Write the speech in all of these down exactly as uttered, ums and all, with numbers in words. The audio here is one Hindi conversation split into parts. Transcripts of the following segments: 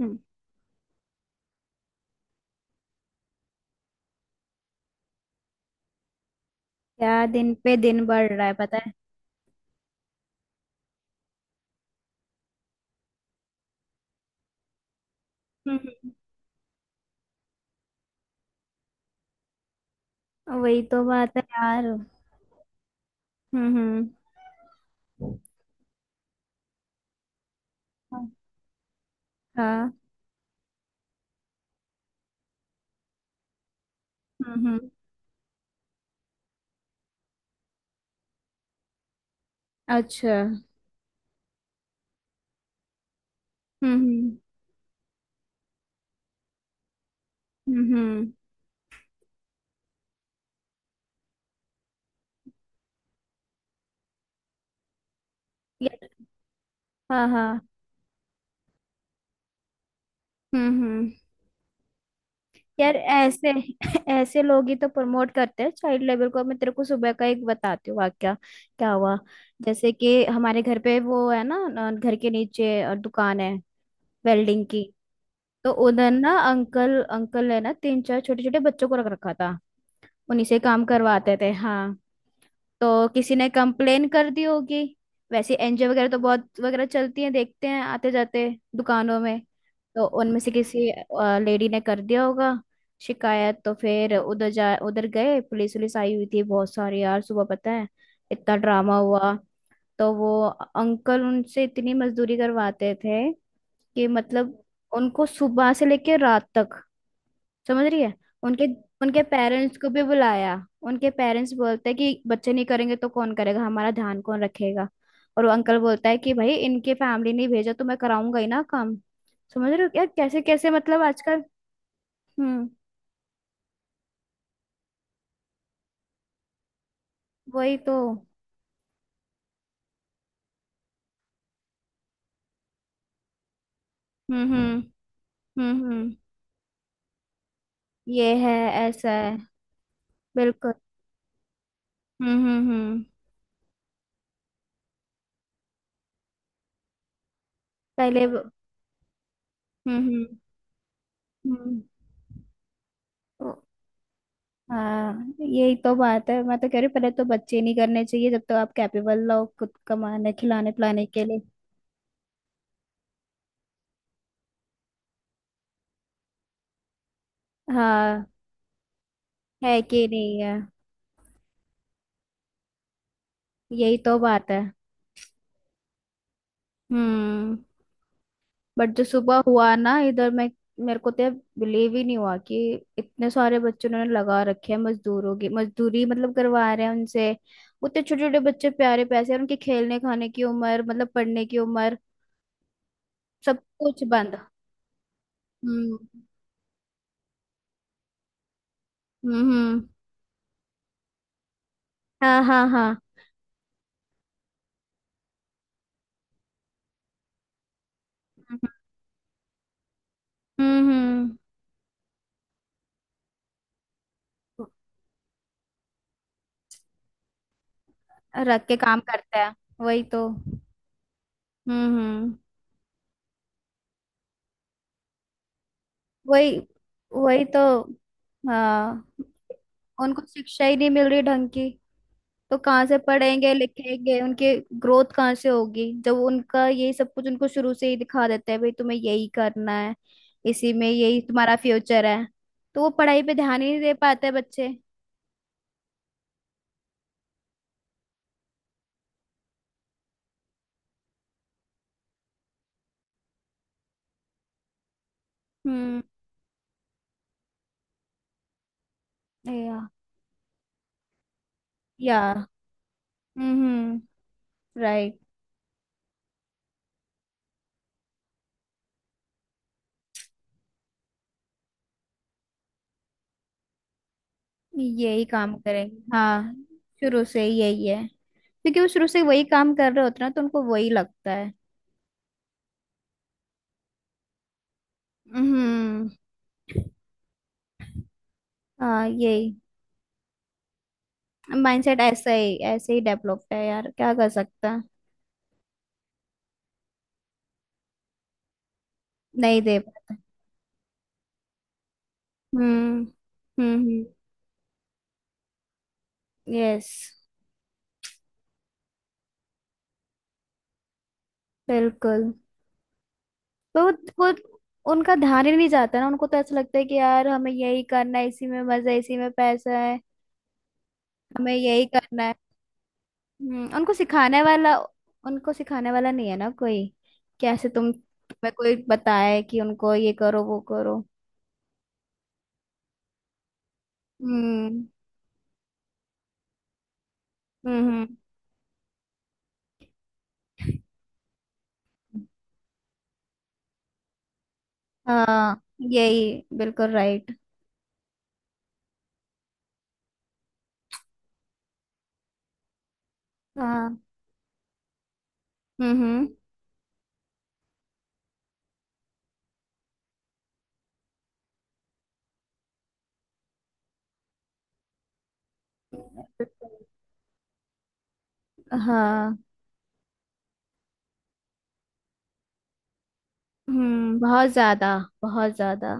हम्म, क्या दिन पे दिन बढ़ रहा है पता है। हम्म, हम्म। वही तो बात है यार। हम्म हम्म। हाँ। हम्म हम्म। अच्छा। हम्म, हम्म। हम्म। यार। हाँ हाँ। हम्म हम्म। यार ऐसे ऐसे लोग ही तो प्रमोट करते हैं चाइल्ड लेबर को। मैं तेरे को सुबह का एक बताती हूँ वाक्या। क्या हुआ? जैसे कि हमारे घर पे वो है ना। अ, घर के नीचे अ, दुकान है, वेल्डिंग की। तो उधर ना अंकल अंकल है ना, तीन चार छोटे छोटे बच्चों को रख रखा था, उन्हीं से काम करवाते थे। हाँ। तो किसी ने कंप्लेन कर दी होगी। वैसे एनजीओ वगैरह तो बहुत वगैरह चलती हैं, देखते हैं आते जाते दुकानों में। तो उनमें से किसी लेडी ने कर दिया होगा शिकायत। तो फिर उधर जा उधर गए, पुलिस वुलिस आई हुई थी बहुत सारी, यार सुबह पता है इतना ड्रामा हुआ। तो वो अंकल उनसे इतनी मजदूरी करवाते थे कि मतलब उनको सुबह से लेके रात तक, समझ रही है। उनके उनके पेरेंट्स को भी बुलाया। उनके पेरेंट्स बोलते हैं कि बच्चे नहीं करेंगे तो कौन करेगा, हमारा ध्यान कौन रखेगा। और वो अंकल बोलता है कि भाई इनके फैमिली ने भेजा तो मैं कराऊंगा ही ना काम। समझ रहे हो यार, कैसे कैसे मतलब आजकल। हम्म। वही तो। हम्म हम्म हम्म हम्म। ये है, ऐसा है, बिल्कुल। हम्म हम्म हम्म। पहले वो- हम्म हम्म। हम्म। हाँ, यही तो बात है। मैं तो कह रही हूँ, पहले तो बच्चे नहीं करने चाहिए जब तक आप कैपेबल हो खुद कमाने खिलाने पिलाने के लिए। हाँ। है कि नहीं है। यही तो बात है। हम्म। बट जो सुबह हुआ ना इधर, मैं मेरे को तो बिलीव ही नहीं हुआ कि इतने सारे बच्चों ने लगा रखे हैं मजदूरों की मजदूरी, मतलब करवा रहे हैं उनसे। उतने छोटे छोटे बच्चे प्यारे पैसे, और उनके खेलने खाने की उम्र, मतलब पढ़ने की उम्र, सब कुछ बंद। हम्म हम्म हम्म। हाँ हाँ हाँ। हम्म हम्म। रख के काम करता है। वही तो। हम्म हम्म। वही। वही तो। हाँ। उनको शिक्षा ही नहीं मिल रही ढंग की, तो कहाँ से पढ़ेंगे लिखेंगे, उनकी ग्रोथ कहाँ से होगी जब उनका यही सब कुछ उनको शुरू से ही दिखा देते हैं, भाई तुम्हें यही करना है, इसी में यही तुम्हारा फ्यूचर है। तो वो पढ़ाई पे ध्यान ही नहीं दे पाते बच्चे। हम्म। या। या। हम्म हम्म। राइट। यही काम करेंगे हाँ। शुरू से ही यही है, क्योंकि वो शुरू से वही काम कर रहे होते हैं ना, तो उनको वही लगता है। हम्म। हाँ यही। माइंडसेट ऐसा ही ऐसे ही डेवलप्ड है यार, क्या कर सकता है। नहीं दे पाता। हम्म। हम्म। यस। बिल्कुल। तो वो वो- उनका ध्यान ही नहीं जाता ना, उनको तो ऐसा लगता है कि यार हमें यही करना है, इसी में मजा है, इसी में पैसा है, हमें यही करना है। हम्म, उनको सिखाने वाला उनको सिखाने वाला नहीं है ना कोई, कैसे तुम तुम्हें कोई बताए कि उनको ये करो वो करो। हम्म हम्म हम्म। हाँ यही बिल्कुल राइट। हाँ। हम्म हम्म। हाँ। हम्म बहुत ज्यादा। बहुत ज्यादा।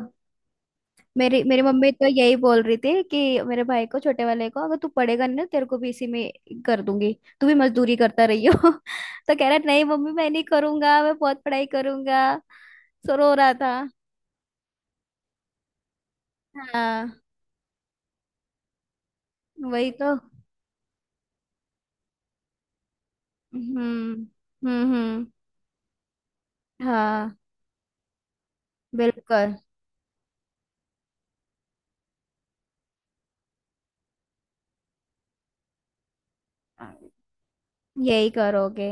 मेरी मेरी मम्मी तो यही बोल रही थी कि मेरे भाई को छोटे वाले को, अगर तू पढ़ेगा नहीं ना तेरे को भी इसी में कर दूंगी, तू भी मजदूरी करता रही हो। तो कह रहा नहीं मम्मी मैं नहीं करूंगा, मैं बहुत पढ़ाई करूंगा, सो रो रहा था। हाँ। वही तो। हम्म हम्म हम्म। हाँ। बिल्कुल। यही करोगे।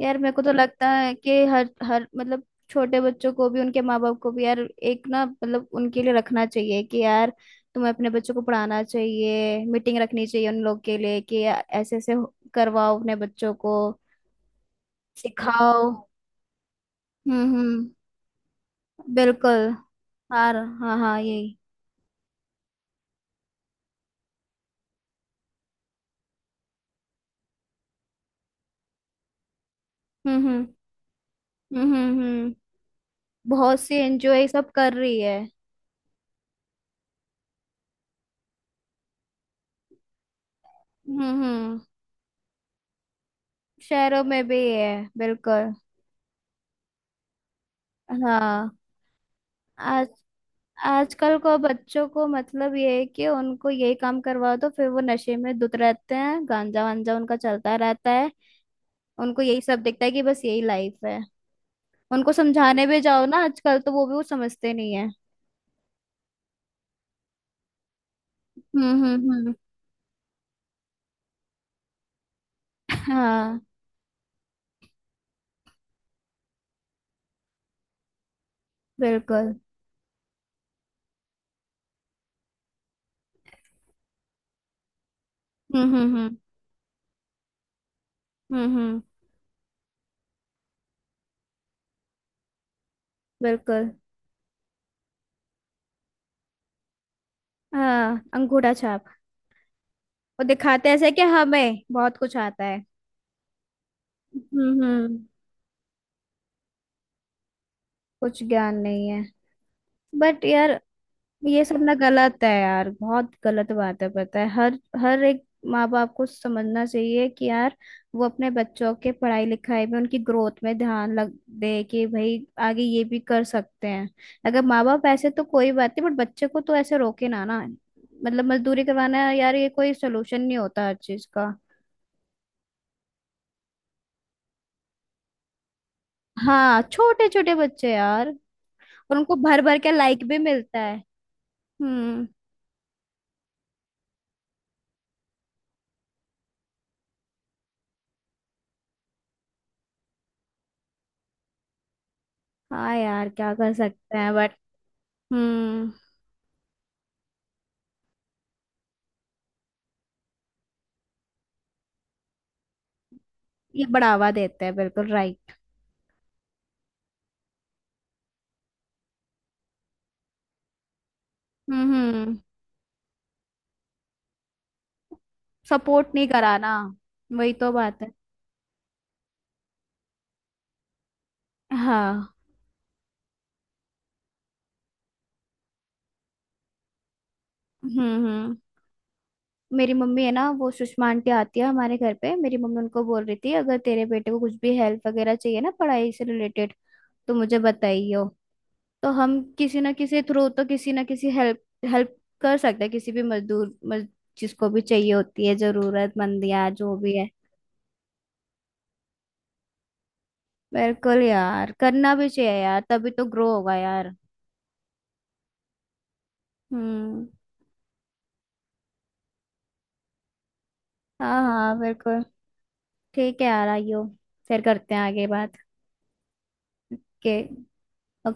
यार मेरे को तो लगता है कि हर हर मतलब छोटे बच्चों को भी उनके माँ बाप को भी यार, एक ना मतलब उनके लिए रखना चाहिए कि यार तुम्हें अपने बच्चों को पढ़ाना चाहिए, मीटिंग रखनी चाहिए उन लोग के लिए कि या- ऐसे ऐसे हो- करवाओ अपने बच्चों को, सिखाओ। हम्म हम्म। बिल्कुल। हाँ हाँ हाँ यही। हम्म हम्म हम्म हम्म हम्म। बहुत सी एनजीओ ये सब कर रही है। हम्म हम्म। शहरों में भी है। बिल्कुल। हाँ। आजकल को बच्चों को मतलब ये है कि उनको यही काम करवाओ, तो फिर वो नशे में धुत रहते हैं, गांजा वांजा उनका चलता रहता है। उनको यही सब दिखता है कि बस यही लाइफ है। उनको समझाने भी जाओ ना आजकल, तो वो भी वो समझते नहीं है। हम्म हम्म हम्म। हाँ। बिल्कुल। हम्म हम्म हम्म हम्म हम्म। बिल्कुल। हाँ, अंगूठा छाप। वो दिखाते ऐसे कि हमें बहुत कुछ आता है। हम्म हम्म। कुछ ज्ञान नहीं है। बट यार ये सब ना गलत है यार, बहुत गलत बात है पता है। हर हर एक माँ बाप को समझना चाहिए कि यार, वो अपने बच्चों के पढ़ाई लिखाई में उनकी ग्रोथ में ध्यान लग दे कि भाई आगे ये भी कर सकते हैं। अगर माँ बाप ऐसे तो कोई बात नहीं, बट बच्चे को तो ऐसे रोके ना ना, मतलब मजदूरी करवाना है यार, ये कोई सोल्यूशन नहीं होता हर चीज का। हाँ छोटे छोटे बच्चे यार। और उनको भर भर के लाइक भी मिलता है। हम्म। हाँ यार, क्या कर सकते हैं बट। हम्म। ये बढ़ावा देते हैं, बिल्कुल राइट। हम्म हम्म। सपोर्ट नहीं कराना। वही तो बात है। हाँ। हम्म हम्म। मेरी मम्मी है ना, वो सुषमा आंटी आती है हमारे घर पे, मेरी मम्मी उनको बोल रही थी अगर तेरे बेटे को कुछ भी हेल्प वगैरह चाहिए ना पढ़ाई से रिलेटेड तो मुझे बताइयो। तो हम किसी ना किसी थ्रू तो, किसी ना किसी हेल्प हेल्प कर सकते हैं किसी भी मजदूर मज, जिसको भी चाहिए होती है, जरूरतमंद या जो भी है। बिल्कुल यार, करना भी चाहिए यार तभी तो ग्रो होगा यार। हम्म। हाँ हाँ बिल्कुल। ठीक है यार, आइयो। फिर करते हैं आगे बात। के। और।